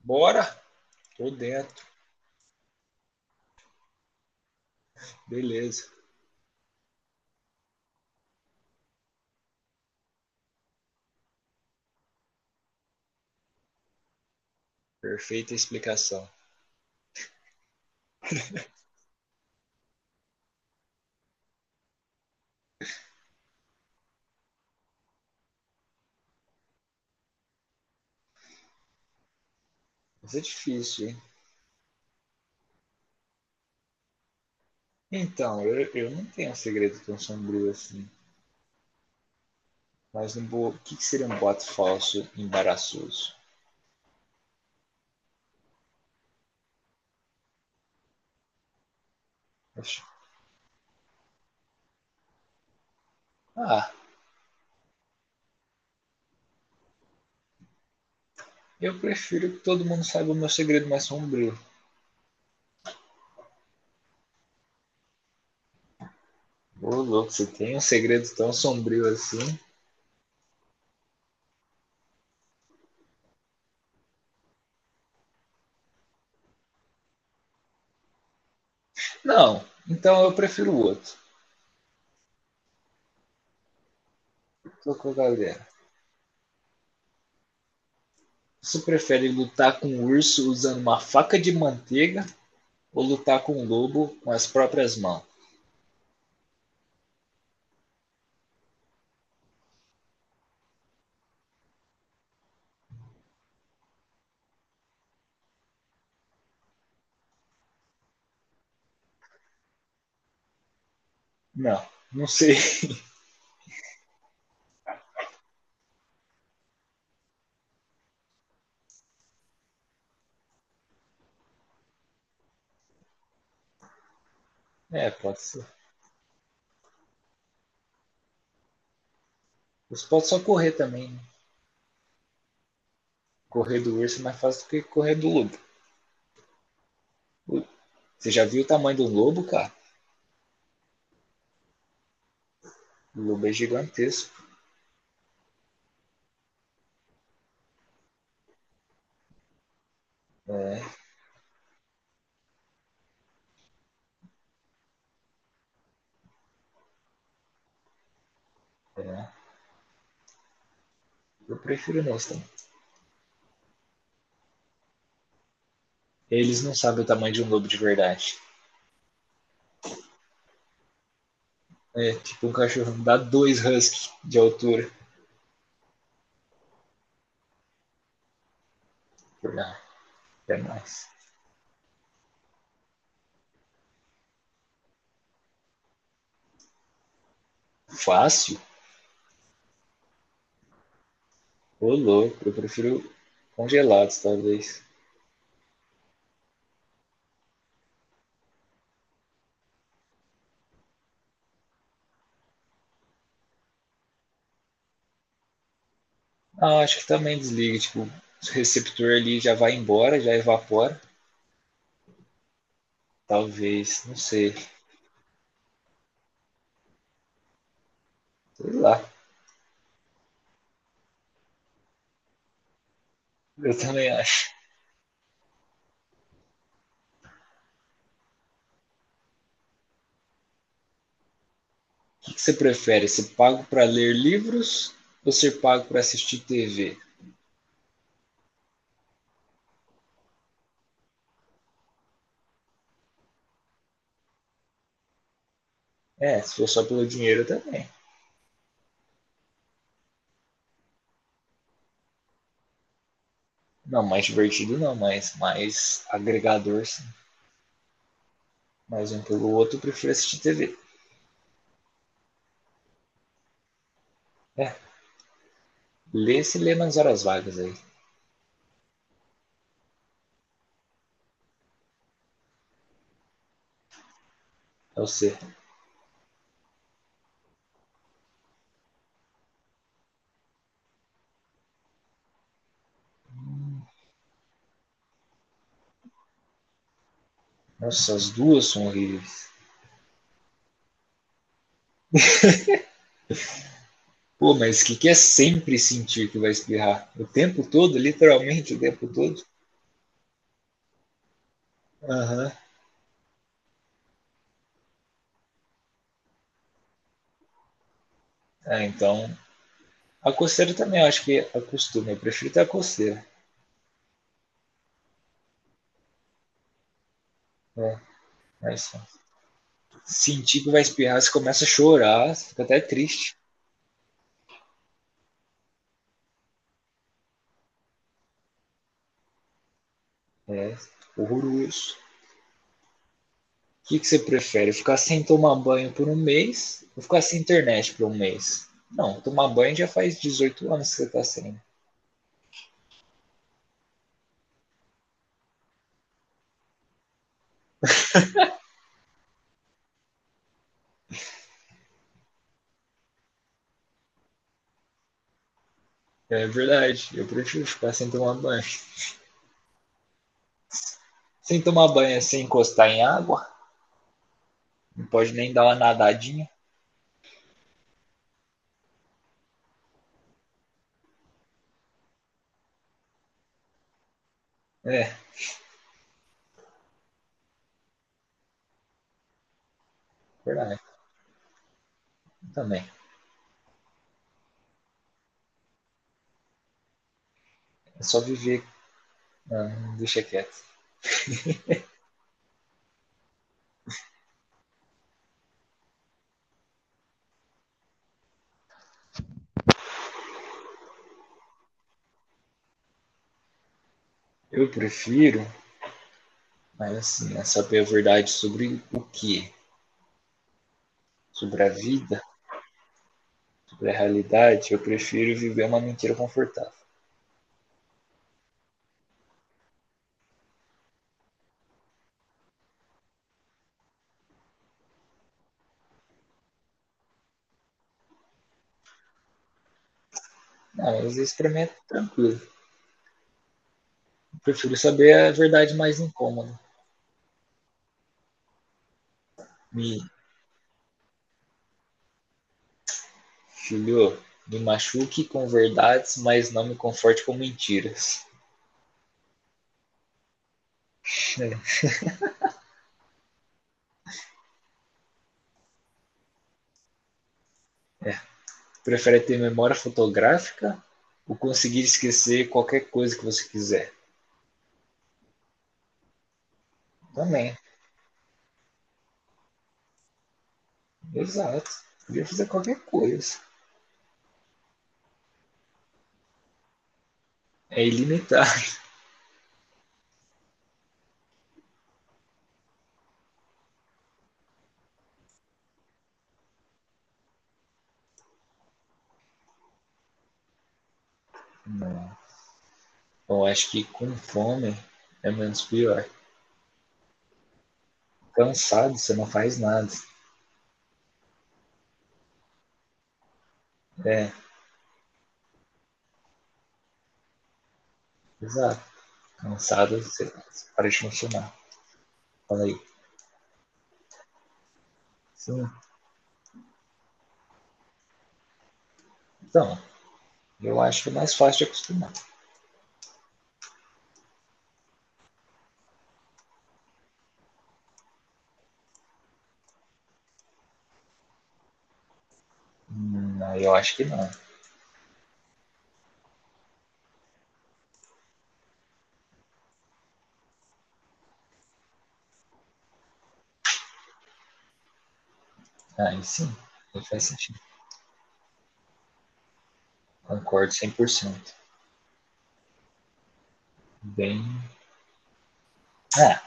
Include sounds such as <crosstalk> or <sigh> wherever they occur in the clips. Bora? Tô dentro. Beleza. Perfeita explicação. Mas é difícil, hein? Então, eu não tenho um segredo tão sombrio assim. Mas não vou. O que que seria um boato falso embaraçoso? Ah, eu prefiro que todo mundo saiba o meu segredo mais sombrio. Ô, louco, você tem um segredo tão sombrio assim? Não, então eu prefiro o outro. Tô com a galera. Você prefere lutar com um urso usando uma faca de manteiga ou lutar com um lobo com as próprias mãos? Não, não sei. <laughs> É, pode ser. Você pode só correr também, né? Correr do urso é mais fácil do que correr do lobo. Você já viu o tamanho do lobo, cara? O lobo é gigantesco. É, é. Eu prefiro não também. Eles não sabem o tamanho de um lobo de verdade. É, tipo um cachorro dá dois husky de altura. Ah, é mais. Fácil? Ô louco, eu prefiro congelados, talvez. Ah, acho que também desliga, tipo, o receptor ali já vai embora, já evapora. Talvez, não sei. Sei lá. Eu também acho. O que que você prefere? Ser pago para ler livros ou ser pago para assistir TV? É, se for só pelo dinheiro também. Não, mais divertido não, mas mais agregador sim. Mais um pelo outro, eu prefiro assistir TV. É, lê se lê nas horas vagas aí. É o C. Nossa, as duas são horríveis. Pô, mas o que, que é sempre sentir que vai espirrar? O tempo todo, literalmente o tempo todo? Aham. Uhum. É, então. A coceira também, eu acho que acostuma. Eu prefiro ter a coceira. É. Mas sentir que vai espirrar, você começa a chorar, você fica até triste. É horroroso. O que, que você prefere? Ficar sem tomar banho por um mês ou ficar sem internet por um mês? Não, tomar banho já faz 18 anos que você tá sem. É verdade, eu prefiro ficar sem tomar banho. Sem tomar banho é sem encostar em água, não pode nem dar uma nadadinha. É, verdade, também. É só viver. Né? Não, deixa quieto. Eu prefiro, mas assim, é saber a verdade sobre o que? Sobre a vida, da realidade, eu prefiro viver uma mentira confortável. Não, mas isso pra mim é tranquilo. Eu prefiro saber a verdade mais incômoda. Me filhou, me machuque com verdades, mas não me conforte com mentiras. <laughs> Prefere ter memória fotográfica ou conseguir esquecer qualquer coisa que você quiser? Também, exato. Podia fazer qualquer coisa. É ilimitar. Não. Eu acho que com fome é menos pior. Cansado, você não faz nada. É, exato. Lançado, você para de funcionar. Fala aí. Sim. Então, eu acho que é mais fácil de acostumar. Eu acho que não. Aí sim, aí faz sentido. Concordo cem por cento. Bem. Ah,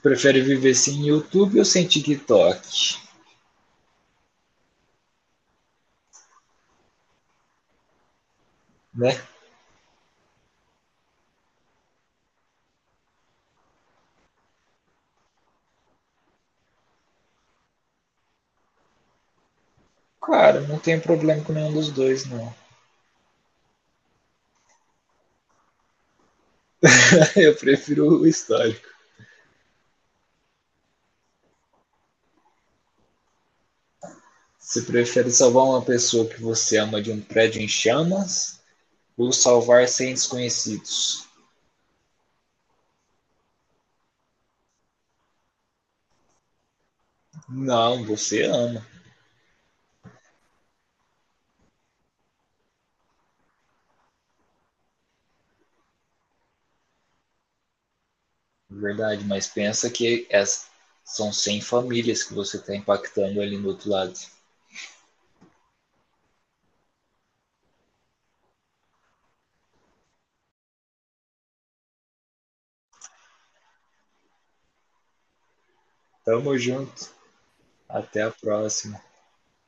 prefere viver sem YouTube ou sem TikTok? Né? Cara, não tem problema com nenhum dos dois, não. <laughs> Eu prefiro o histórico. Você prefere salvar uma pessoa que você ama de um prédio em chamas ou salvar 100 desconhecidos? Não, você ama. Verdade, mas pensa que são 100 famílias que você está impactando ali no outro lado. Tamo junto. Até a próxima.